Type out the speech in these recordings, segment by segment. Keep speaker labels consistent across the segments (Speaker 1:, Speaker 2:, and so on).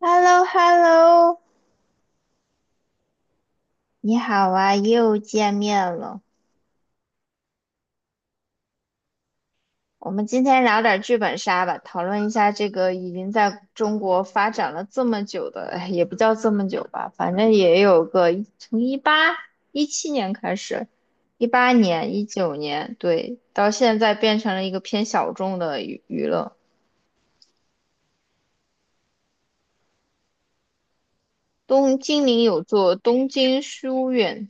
Speaker 1: h e l l o h e l l o 你好啊，又见面了。我们今天聊点剧本杀吧，讨论一下这个已经在中国发展了这么久的，哎也不叫这么久吧，反正也有个从17年开始，18年、19年，对，到现在变成了一个偏小众的娱乐。东金陵有座东京书院，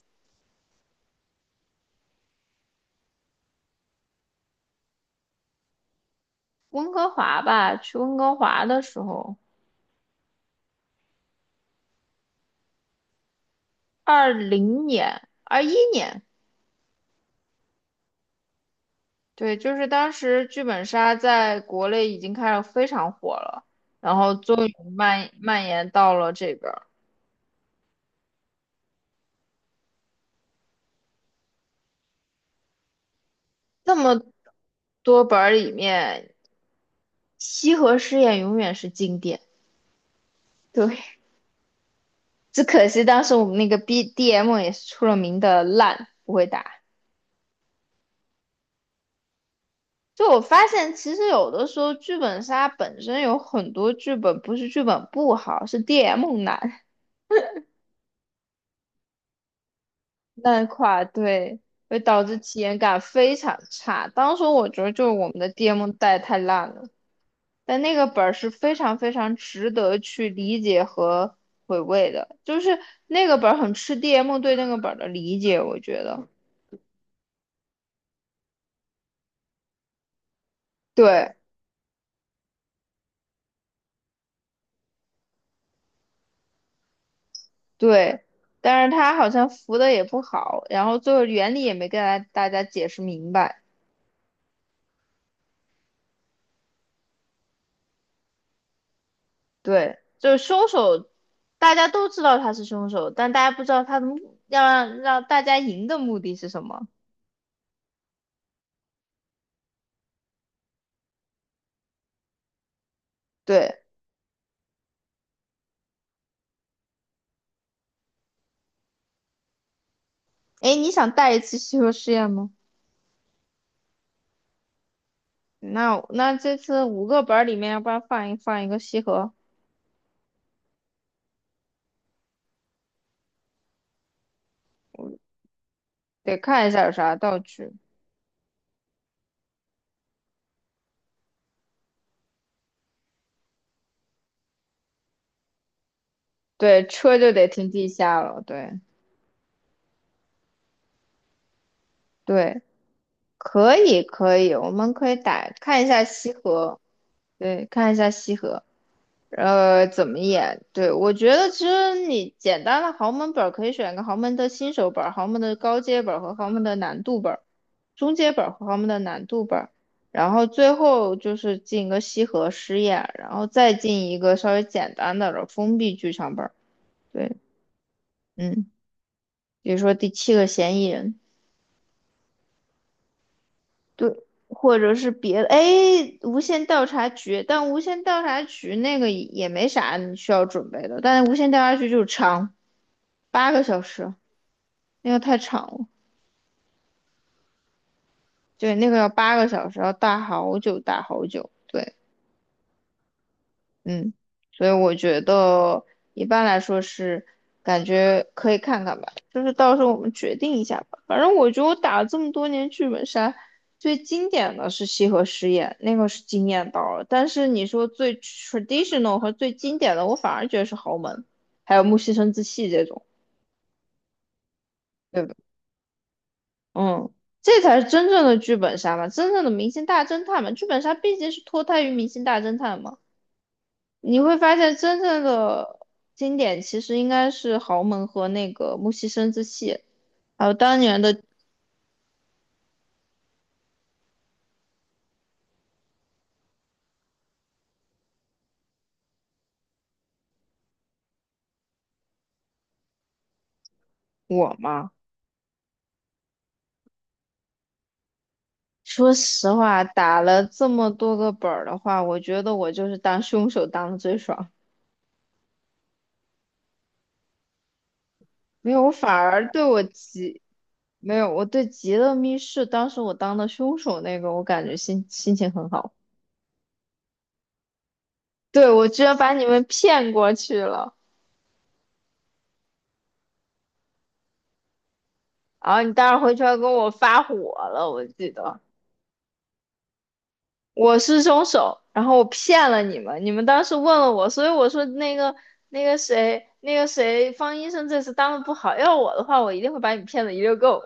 Speaker 1: 温哥华吧，去温哥华的时候，20年、21年。对，就是当时剧本杀在国内已经开始非常火了，然后终于蔓延到了这边儿。这么多本儿里面，西河试验永远是经典。对，只可惜当时我们那个 BDM 也是出了名的烂，不会打。就我发现，其实有的时候剧本杀本身有很多剧本不是剧本不好，是 DM 难。那块对，会导致体验感非常差。当时我觉得就是我们的 DM 带太烂了，但那个本儿是非常非常值得去理解和回味的，就是那个本儿很吃 DM 对那个本儿的理解，我觉得。对对，但是他好像扶的也不好，然后最后原理也没跟大家解释明白。对，就是凶手，大家都知道他是凶手，但大家不知道他的目要让大家赢的目的是什么。对，哎，你想带一次西河实验吗？那这次五个本儿里面，要不然放一个西河，得看一下有啥道具。对，车就得停地下了。对对，可以可以，我们可以打看一下西河，对，看一下西河。怎么演？对，我觉得其实你简单的豪门本儿可以选个豪门的新手本儿、豪门的高阶本儿和豪门的难度本儿、中阶本儿和豪门的难度本儿，然后最后就是进个西河试验，然后再进一个稍微简单的了封闭剧场本儿。对，嗯，比如说第七个嫌疑人，对，或者是别的，哎，无线调查局，但无线调查局那个也没啥你需要准备的，但是无线调查局就是长。八个小时，那个太长了。对，那个要八个小时，要大好久大好久。对，嗯，所以我觉得一般来说是感觉可以看看吧，就是到时候我们决定一下吧。反正我觉得我打了这么多年剧本杀，最经典的是西河实验，那个是惊艳到了。但是你说最 traditional 和最经典的，我反而觉得是豪门，还有木西生子戏这种。对吧？嗯，这才是真正的剧本杀嘛，真正的明星大侦探嘛，剧本杀毕竟是脱胎于明星大侦探嘛。你会发现，真正的经典其实应该是豪门和那个木西生之戏，还有当年的我嘛。说实话，打了这么多个本儿的话，我觉得我就是当凶手当的最爽。没有，我反而对我急，没有，我对极乐密室当时我当的凶手那个，我感觉心情很好。对，我居然把你们骗过去了，然后你当时回去还跟我发火了，我记得我是凶手，然后我骗了你们，你们当时问了我，所以我说那个那个谁那个谁方医生这次当的不好，要我的话，我一定会把你骗的一溜够。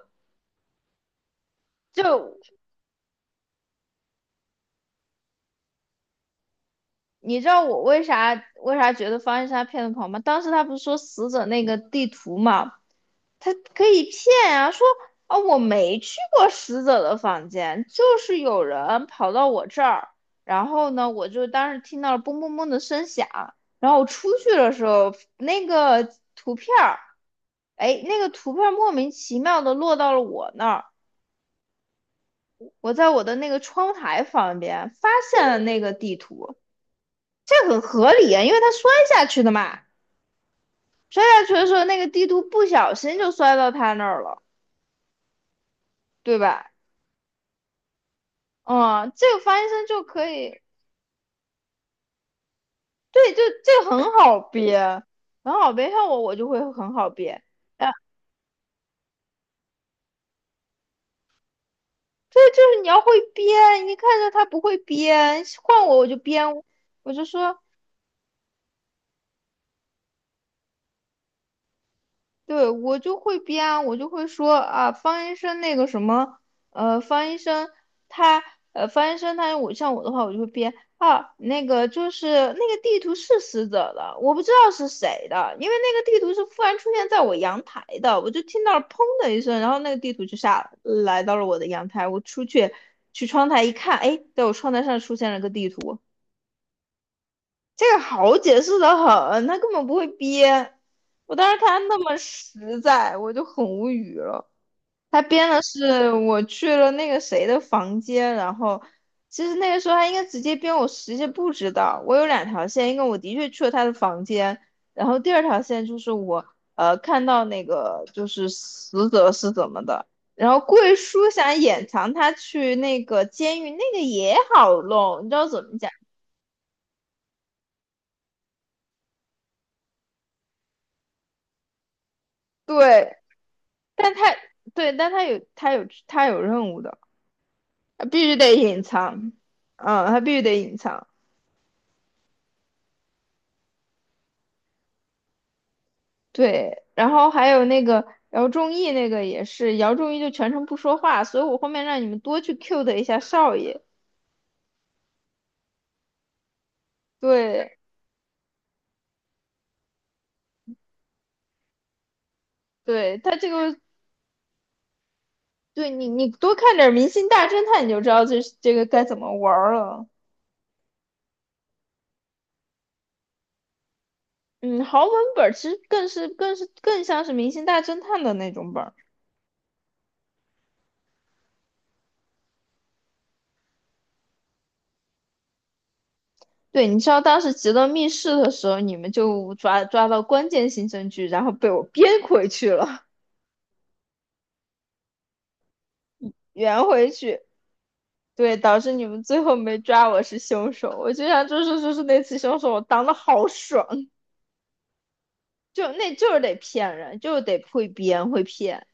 Speaker 1: 就你知道我为啥觉得方医生他骗的不好吗？当时他不是说死者那个地图嘛，他可以骗啊，说啊我没去过死者的房间，就是有人跑到我这儿，然后呢，我就当时听到了嘣嘣嘣的声响，然后我出去的时候，那个图片儿，哎，那个图片莫名其妙的落到了我那儿，我在我的那个窗台旁边发现了那个地图，这很合理啊，因为他摔下去的嘛，摔下去的时候那个地图不小心就摔到他那儿了，对吧？哦，这个翻身就可以，对，就这个很好憋，很好憋。像我，我就会很好憋。啊，对，就是你要会憋，你看着他不会憋，换我我就憋，我就说对，我就会编啊，我就会说啊，方医生那个什么，方医生他，方医生他，我像我的话，我就会编啊，那个就是那个地图是死者的，我不知道是谁的，因为那个地图是忽然出现在我阳台的，我就听到了砰的一声，然后那个地图就下来到了我的阳台，我出去去窗台一看，哎，在我窗台上出现了个地图，这个好解释的很，他根本不会编。我当时看他那么实在，我就很无语了。他编的是我去了那个谁的房间，然后其实那个时候他应该直接编我实际不知道。我有两条线，一个我的确去了他的房间，然后第二条线就是我看到那个就是死者是怎么的。然后贵叔想掩藏他去那个监狱，那个也好弄，你知道怎么讲？对，但他对，但他有他有他有任务的，他必须得隐藏，嗯，他必须得隐藏。对，然后还有那个姚仲义那个也是，姚仲义就全程不说话，所以我后面让你们多去 cue 的一下少爷。对，对他这个，对你多看点《明星大侦探》，你就知道这个该怎么玩儿了。嗯，豪门本儿其实更像是《明星大侦探》的那种本。对，你知道当时极乐密室的时候，你们就抓到关键性证据，然后被我编回去了，圆回去，对，导致你们最后没抓我是凶手。我就想，就是那次凶手，我当的好爽，就那就是得骗人，就是得会编会骗。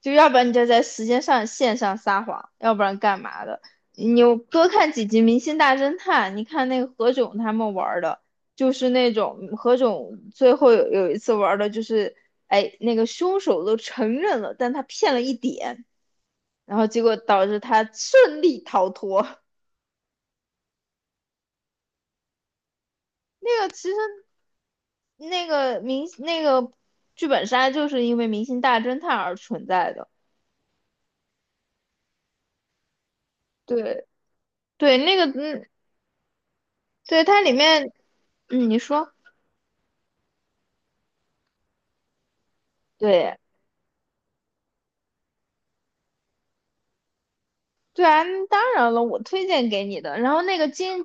Speaker 1: 就要不然你就在时间上线上撒谎，要不然干嘛的？你多看几集《明星大侦探》，你看那个何炅他们玩的，就是那种何炅最后有一次玩的就是，哎，那个凶手都承认了，但他骗了一点，然后结果导致他顺利逃脱。那个其实那个明那个剧本杀就是因为《明星大侦探》而存在的，对对，那个嗯，对它里面嗯，你说对。对啊，那当然了，我推荐给你的。然后那个金，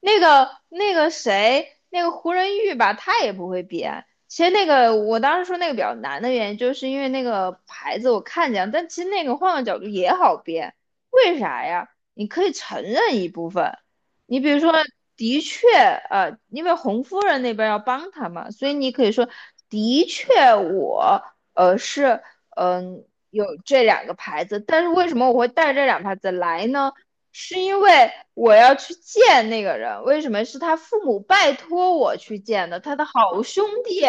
Speaker 1: 那个那个谁，那个胡仁玉吧，他也不会编。其实那个我当时说那个比较难的原因，就是因为那个牌子我看见了，但其实那个换个角度也好编。为啥呀？你可以承认一部分，你比如说，的确，因为红夫人那边要帮他嘛，所以你可以说，的确我，是嗯，有这两个牌子。但是为什么我会带这两个牌子来呢？是因为我要去见那个人，为什么是他父母拜托我去见的？他的好兄弟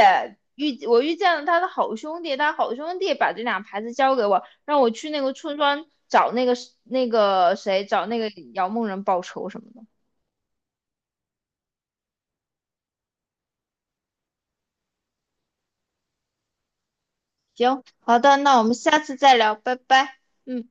Speaker 1: 遇见了他的好兄弟，他好兄弟把这两牌子交给我，让我去那个村庄找那个那个谁，找那个姚梦人报仇什么的。行，好的，那我们下次再聊，拜拜，嗯。